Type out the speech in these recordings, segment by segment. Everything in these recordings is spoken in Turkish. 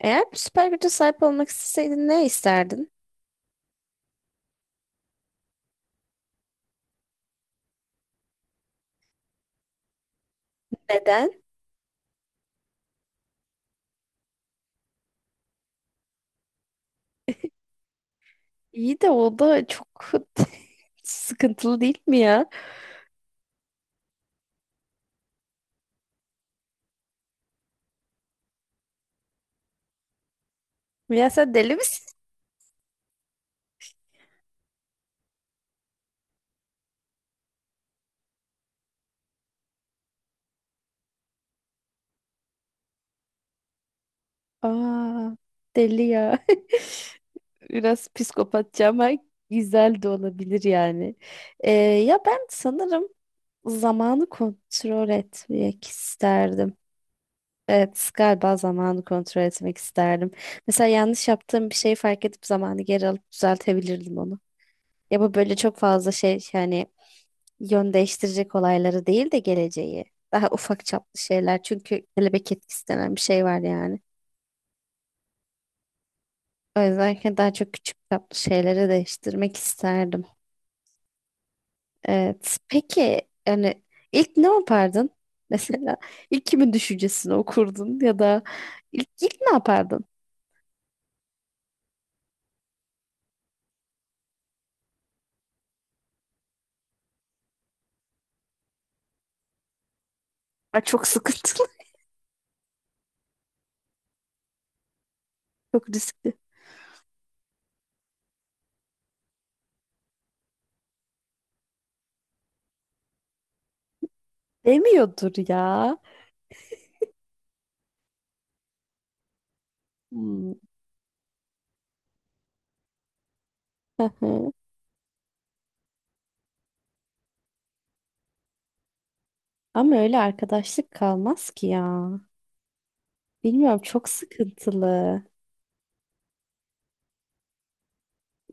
Eğer bir süper güce sahip olmak isteseydin ne isterdin? Neden? İyi de o da çok sıkıntılı değil mi ya? Ya sen deli misin? Aa, deli ya. Biraz psikopatça ama güzel de olabilir yani. Ya ben sanırım zamanı kontrol etmek isterdim. Evet, galiba zamanı kontrol etmek isterdim. Mesela yanlış yaptığım bir şeyi fark edip zamanı geri alıp düzeltebilirdim onu. Ya bu böyle çok fazla şey yani yön değiştirecek olayları değil de geleceği. Daha ufak çaplı şeyler. Çünkü kelebek etkisi denen bir şey var yani. O yüzden ki daha çok küçük çaplı şeyleri değiştirmek isterdim. Evet. Peki yani ilk ne yapardın? Mesela ilk kimin düşüncesini okurdun ya da ilk ne yapardın? Ay, çok sıkıntılı, çok riskli. Demiyordur ya. Hmm. Ama öyle arkadaşlık kalmaz ki ya. Bilmiyorum çok sıkıntılı.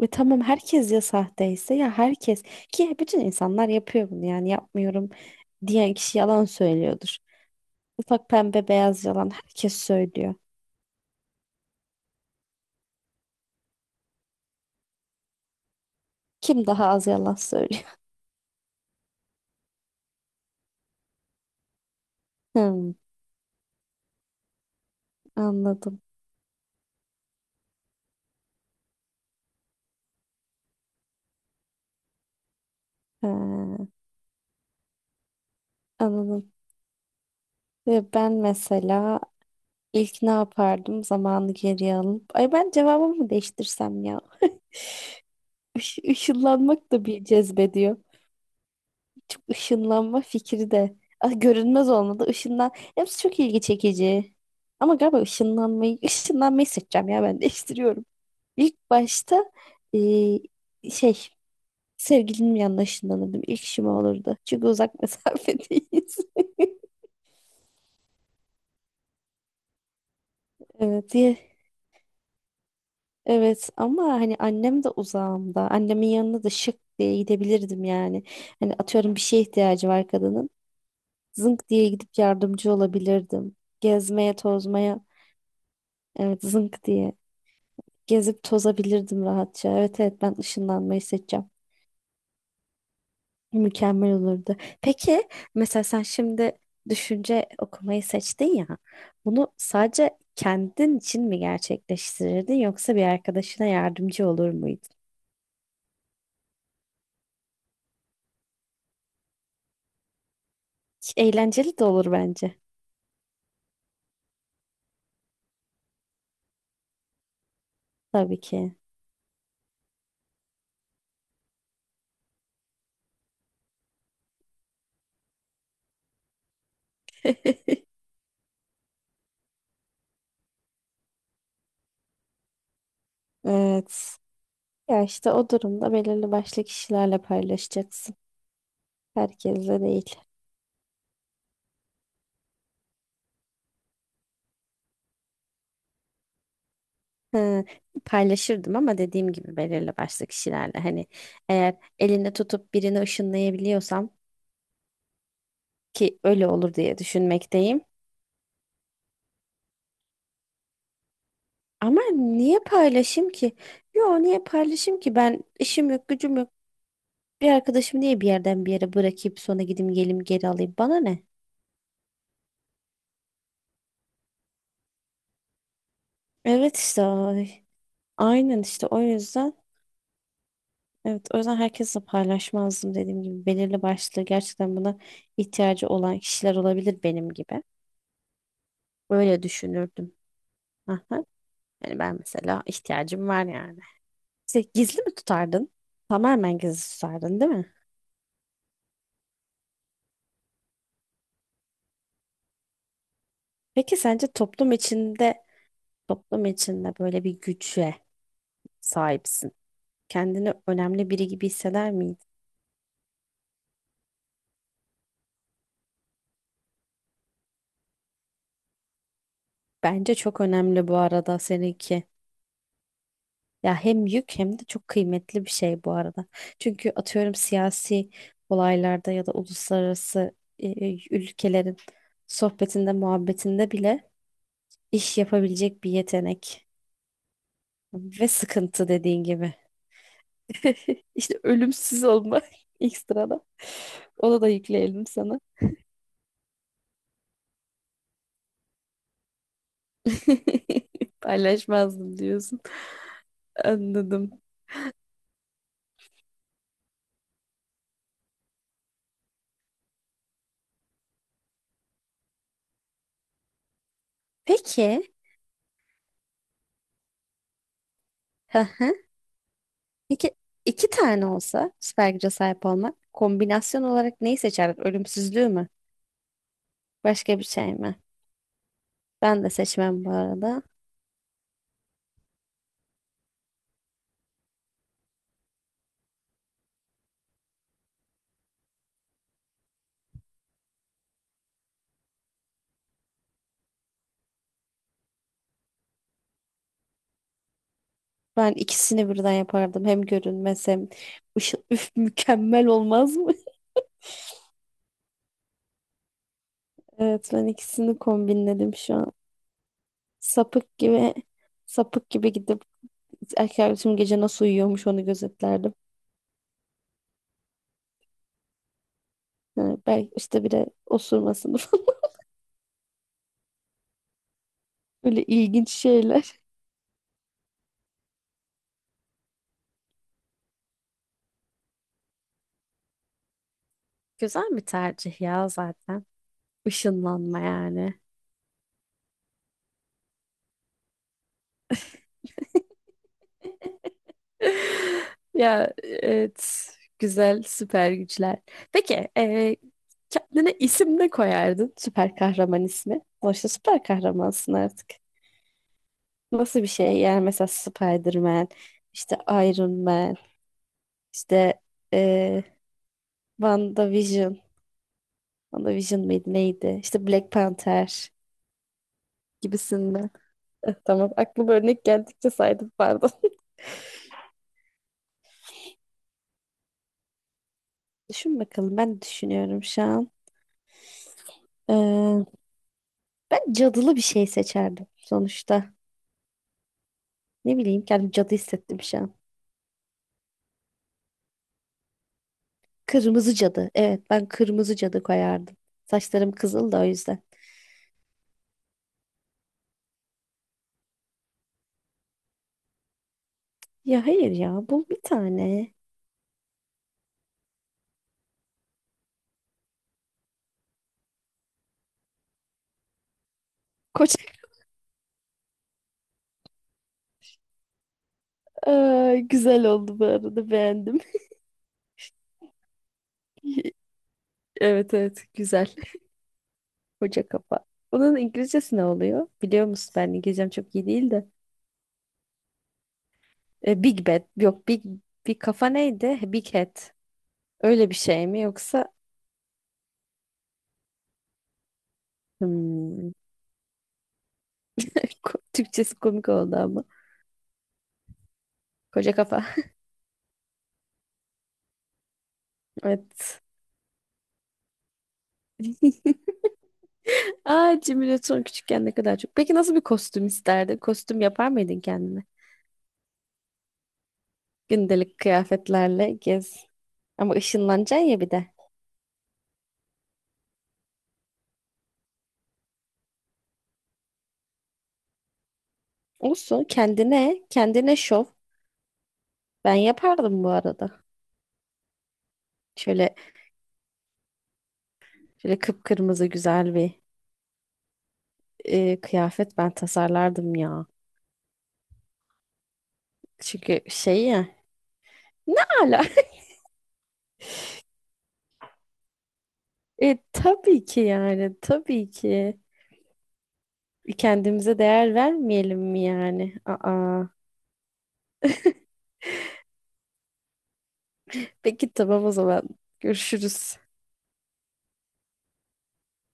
Ve tamam herkes ya sahteyse ya herkes ki bütün insanlar yapıyor bunu yani yapmıyorum diyen kişi yalan söylüyordur. Ufak pembe beyaz yalan herkes söylüyor. Kim daha az yalan söylüyor? Hmm, anladım. Ha, anladım. Ve ben mesela ilk ne yapardım zamanı geriye alıp. Ay ben cevabımı değiştirsem ya. Işınlanmak da bir cezbediyor. Çok ışınlanma fikri de. Ah, görünmez olmadı. Işınlan. Hepsi çok ilgi çekici. Ama galiba ışınlanmayı seçeceğim ya ben değiştiriyorum. İlk başta eee, şey sevgilimin yanına ışınlanırdım. İlk işim o olurdu. Çünkü uzak mesafedeyiz. Evet, diye. Evet ama hani annem de uzağımda. Annemin yanına da şık diye gidebilirdim yani. Hani atıyorum bir şeye ihtiyacı var kadının. Zınk diye gidip yardımcı olabilirdim. Gezmeye, tozmaya. Evet zınk diye. Gezip tozabilirdim rahatça. Evet evet ben ışınlanmayı seçeceğim. Mükemmel olurdu. Peki mesela sen şimdi düşünce okumayı seçtin ya. Bunu sadece kendin için mi gerçekleştirirdin yoksa bir arkadaşına yardımcı olur muydun? Eğlenceli de olur bence. Tabii ki. Evet. Ya işte o durumda belirli başlı kişilerle paylaşacaksın. Herkesle değil. Hı, paylaşırdım ama dediğim gibi belirli başlı kişilerle hani eğer elinde tutup birini ışınlayabiliyorsam ki öyle olur diye düşünmekteyim. Ama niye paylaşayım ki? Yo niye paylaşayım ki? Ben işim yok, gücüm yok. Bir arkadaşımı niye bir yerden bir yere bırakıp sonra gideyim gelim geri alayım? Bana ne? Evet işte ay. Aynen işte o yüzden evet o yüzden herkesle paylaşmazdım dediğim gibi belirli başlı gerçekten buna ihtiyacı olan kişiler olabilir benim gibi. Böyle düşünürdüm. Aha. Yani ben mesela ihtiyacım var yani. İşte gizli mi tutardın? Tamamen gizli tutardın, değil mi? Peki sence toplum içinde toplum içinde böyle bir güce sahipsin. Kendini önemli biri gibi hisseder miydin? Bence çok önemli bu arada seninki. Ya hem yük hem de çok kıymetli bir şey bu arada. Çünkü atıyorum siyasi olaylarda ya da uluslararası ülkelerin sohbetinde, muhabbetinde bile iş yapabilecek bir yetenek ve sıkıntı dediğin gibi. İşte ölümsüz olma ekstrada. Onu da yükleyelim sana. Paylaşmazdım diyorsun. Anladım. Peki. Hı hı. Peki iki tane olsa süper güce sahip olmak kombinasyon olarak neyi seçerdin? Ölümsüzlüğü mü? Başka bir şey mi? Ben de seçmem bu arada. Ben ikisini birden yapardım. Hem görünmez hem ışıl üf mükemmel olmaz mı? Evet ben ikisini kombinledim şu an. Sapık gibi sapık gibi gidip erkek arkadaşım gece nasıl uyuyormuş onu gözetlerdim. Yani belki işte bir de osurmasını falan. Böyle ilginç şeyler. Güzel bir tercih ya zaten. Işınlanma yani. Ya evet. Güzel süper güçler. Peki kendine isim ne koyardın? Süper kahraman ismi. Sonuçta süper kahramansın artık. Nasıl bir şey? Yani mesela Spider-Man, işte Iron Man, işte eee WandaVision. WandaVision mıydı neydi? İşte Black Panther gibisinden. Tamam aklıma örnek geldikçe saydım pardon. Düşün bakalım ben düşünüyorum şu an. Ee, ben cadılı bir şey seçerdim sonuçta. Ne bileyim kendimi cadı hissettim şu an. Kırmızı cadı. Evet ben kırmızı cadı koyardım. Saçlarım kızıl da o yüzden. Ya hayır ya bul bir tane. Koç. Aa, güzel oldu bu arada beğendim. Evet evet güzel. Koca kafa. Bunun İngilizcesi ne oluyor? Biliyor musun ben İngilizcem çok iyi değil de. Big Bad yok Big bir kafa neydi? Big Head. Öyle bir şey mi yoksa hmm, Türkçesi komik oldu ama. Koca kafa. Evet. Aa Jimmy Neutron küçükken ne kadar çok. Peki nasıl bir kostüm isterdin? Kostüm yapar mıydın kendine? Gündelik kıyafetlerle gez. Ama ışınlanacaksın ya bir de. Olsun kendine, kendine şov. Ben yapardım bu arada. Şöyle şöyle kıpkırmızı güzel bir kıyafet ben tasarlardım ya. Çünkü şey ya Ne ala? Tabii ki yani tabii ki. Kendimize değer vermeyelim mi yani? Aa. Peki tamam o zaman. Görüşürüz.